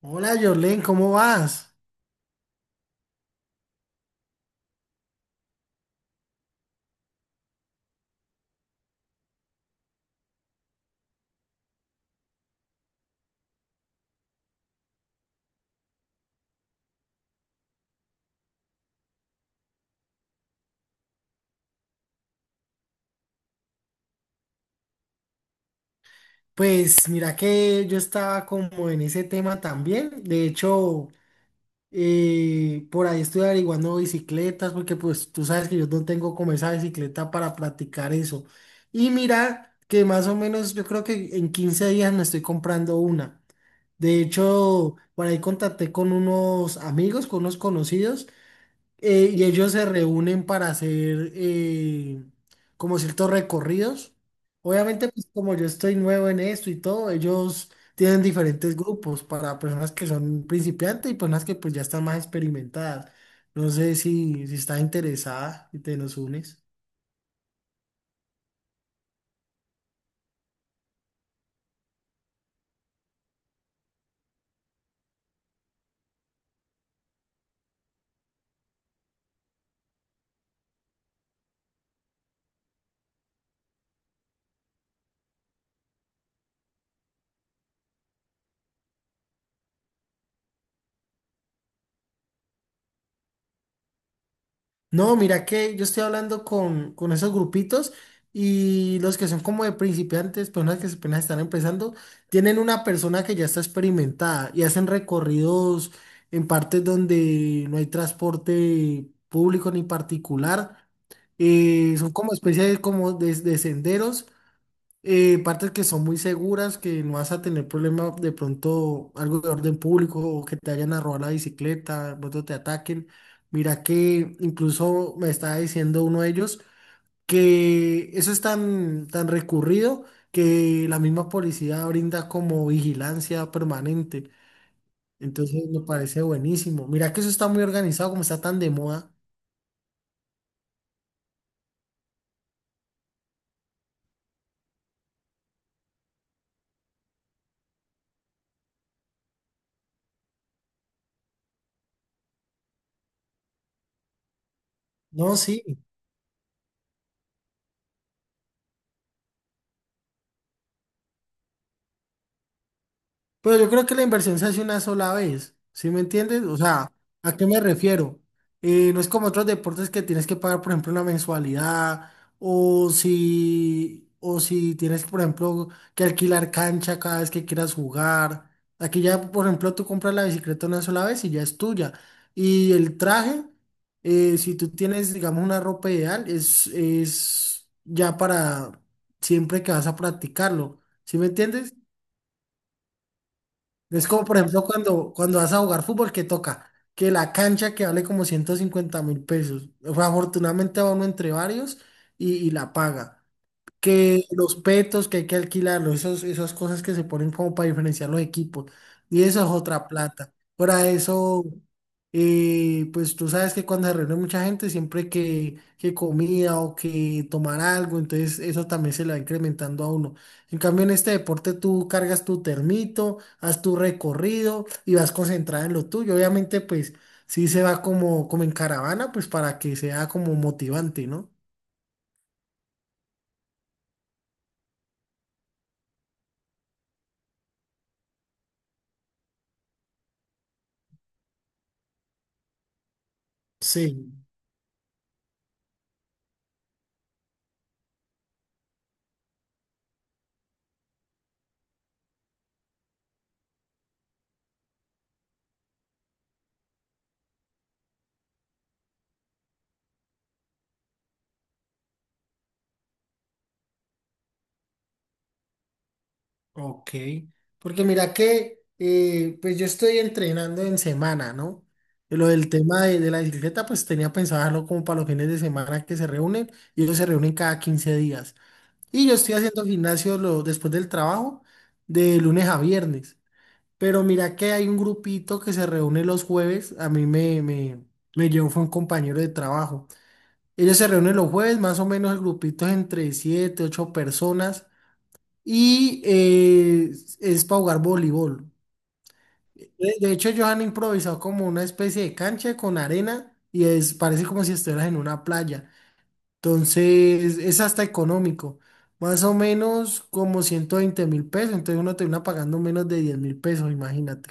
Hola Jorlen, ¿cómo vas? Pues mira que yo estaba como en ese tema también. De hecho, por ahí estoy averiguando bicicletas porque pues tú sabes que yo no tengo como esa bicicleta para practicar eso. Y mira que más o menos yo creo que en 15 días me estoy comprando una. De hecho, por ahí contacté con unos amigos, con unos conocidos, y ellos se reúnen para hacer como ciertos recorridos. Obviamente, pues como yo estoy nuevo en esto y todo, ellos tienen diferentes grupos para personas que son principiantes y personas que pues ya están más experimentadas. No sé si estás interesada y te nos unes. No, mira que yo estoy hablando con esos grupitos y los que son como de principiantes, personas que apenas están empezando, tienen una persona que ya está experimentada y hacen recorridos en partes donde no hay transporte público ni particular. Son como especies como de senderos, partes que son muy seguras, que no vas a tener problema de pronto algo de orden público o que te vayan a robar la bicicleta, de pronto te ataquen. Mira que incluso me estaba diciendo uno de ellos que eso es tan, tan recurrido que la misma policía brinda como vigilancia permanente. Entonces me parece buenísimo. Mira que eso está muy organizado, como está tan de moda. No, sí. Pero yo creo que la inversión se hace una sola vez, ¿sí me entiendes? O sea, ¿a qué me refiero? No es como otros deportes que tienes que pagar, por ejemplo, una mensualidad o si tienes, por ejemplo, que alquilar cancha cada vez que quieras jugar. Aquí ya, por ejemplo, tú compras la bicicleta una sola vez y ya es tuya. Y el traje, si tú tienes, digamos, una ropa ideal, es ya para siempre que vas a practicarlo, ¿sí me entiendes? Es como, por ejemplo, cuando vas a jugar fútbol, ¿que toca? Que la cancha que vale como 150.000 pesos. O sea, afortunadamente va uno entre varios y la paga, que los petos que hay que alquilarlos, esos, esas cosas que se ponen como para diferenciar los equipos. Y eso es otra plata. Para eso, pues tú sabes que cuando se reúne mucha gente, siempre que comida o que tomar algo, entonces eso también se le va incrementando a uno. En cambio, en este deporte tú cargas tu termito, haz tu recorrido y vas concentrada en lo tuyo. Obviamente, pues sí se va como en caravana, pues para que sea como motivante, ¿no? Sí. Ok, porque mira que pues yo estoy entrenando en semana, ¿no? Lo del tema de la bicicleta, pues tenía pensado dejarlo como para los fines de semana que se reúnen, y ellos se reúnen cada 15 días. Y yo estoy haciendo gimnasio después del trabajo de lunes a viernes. Pero mira que hay un grupito que se reúne los jueves. A mí me, me, Me llevó fue un compañero de trabajo. Ellos se reúnen los jueves, más o menos el grupito es entre 7, 8 personas y es para jugar voleibol. De hecho, ellos han improvisado como una especie de cancha con arena y es, parece como si estuvieras en una playa. Entonces, es hasta económico. Más o menos como 120.000 pesos. Entonces, uno termina pagando menos de 10.000 pesos, imagínate.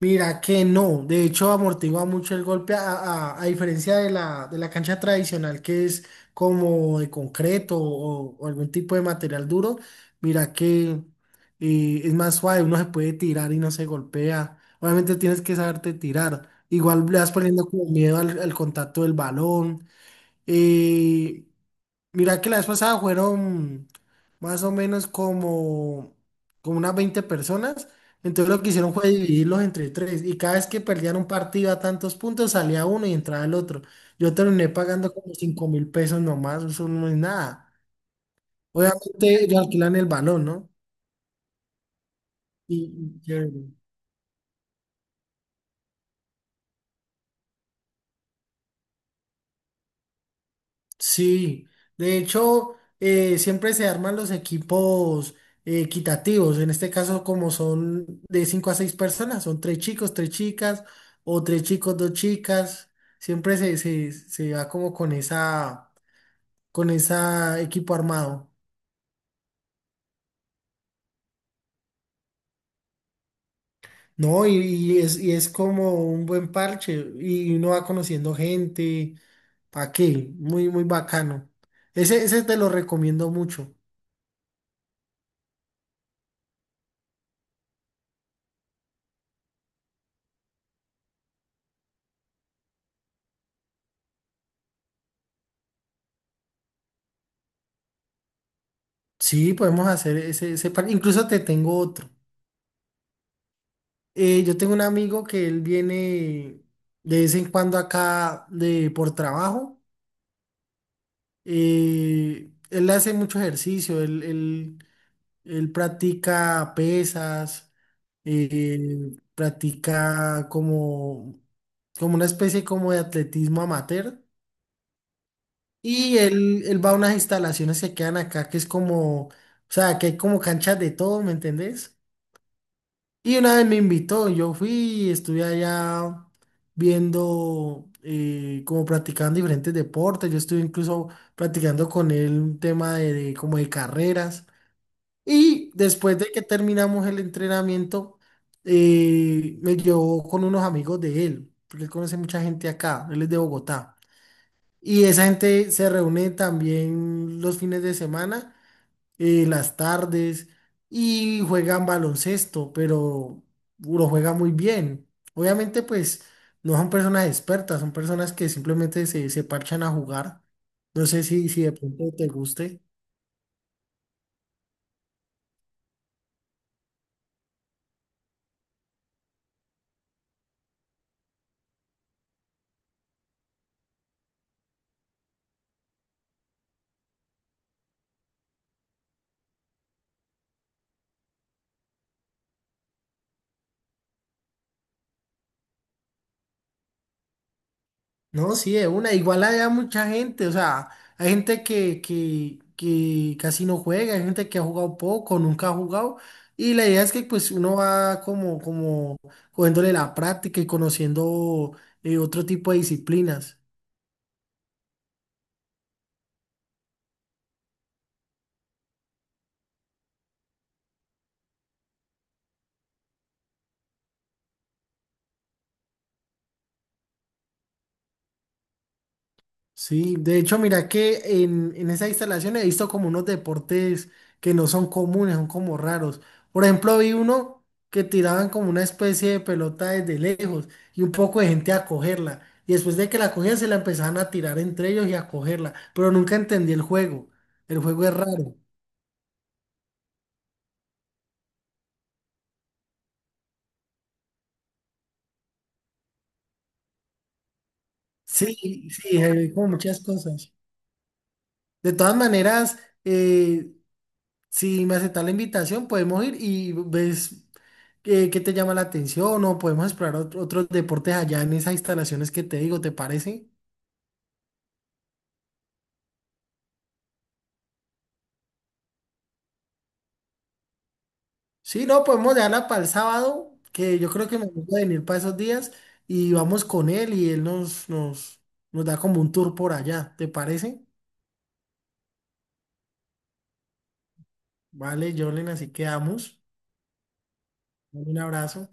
Mira que no, de hecho amortigua mucho el golpe a diferencia de de la cancha tradicional que es como de concreto o algún tipo de material duro, mira que es más suave, uno se puede tirar y no se golpea. Obviamente tienes que saberte tirar, igual le vas poniendo como miedo al contacto del balón. Eh, Mira que la vez pasada fueron más o menos como unas 20 personas. Entonces lo que hicieron fue dividirlos entre tres. Y cada vez que perdían un partido a tantos puntos, salía uno y entraba el otro. Yo terminé pagando como 5.000 pesos nomás, eso no es nada. Obviamente ellos alquilan el balón, ¿no? Y chévere. Sí, de hecho, siempre se arman los equipos equitativos. En este caso, como son de 5 a 6 personas, son tres chicos, tres chicas, o tres chicos, dos chicas. Siempre se va como con esa equipo armado. No, y es como un buen parche, y uno va conociendo gente. ¿Para qué? Muy, muy bacano. Ese te lo recomiendo mucho. Sí, podemos hacer ese, ese plan. Incluso te tengo otro. Yo tengo un amigo que él viene de vez en cuando acá de, por trabajo. Él hace mucho ejercicio, él practica pesas, practica como, como una especie como de atletismo amateur. Y él va a unas instalaciones que quedan acá, que es como, o sea, que hay como canchas de todo, ¿me entendés? Y una vez me invitó, yo fui y estuve allá viendo, como practicando diferentes deportes, yo estuve incluso practicando con él un tema como de carreras. Y después de que terminamos el entrenamiento, me llevó con unos amigos de él, porque él conoce mucha gente acá, él es de Bogotá. Y esa gente se reúne también los fines de semana, las tardes, y juegan baloncesto, pero lo juega muy bien. Obviamente, pues no son personas expertas, son personas que simplemente se parchan a jugar. No sé si de pronto te guste. No, sí, de una. Igual hay mucha gente, o sea, hay gente que casi no juega, hay gente que ha jugado poco, nunca ha jugado. Y la idea es que pues uno va como, como cogiéndole la práctica y conociendo otro tipo de disciplinas. Sí, de hecho, mira que en esa instalación he visto como unos deportes que no son comunes, son como raros. Por ejemplo, vi uno que tiraban como una especie de pelota desde lejos y un poco de gente a cogerla. Y después de que la cogían, se la empezaban a tirar entre ellos y a cogerla. Pero nunca entendí el juego. El juego es raro. Sí, sí, hay como muchas cosas. De todas maneras, eh, si me aceptas la invitación, podemos ir y ves qué te llama la atención o podemos explorar otros deportes allá en esas instalaciones que te digo, ¿te parece? Sí, no, podemos dejarla para el sábado, que yo creo que me gusta venir para esos días, y vamos con él y él nos da como un tour por allá, ¿te parece? Vale, Jorlen, así quedamos. Dale, un abrazo.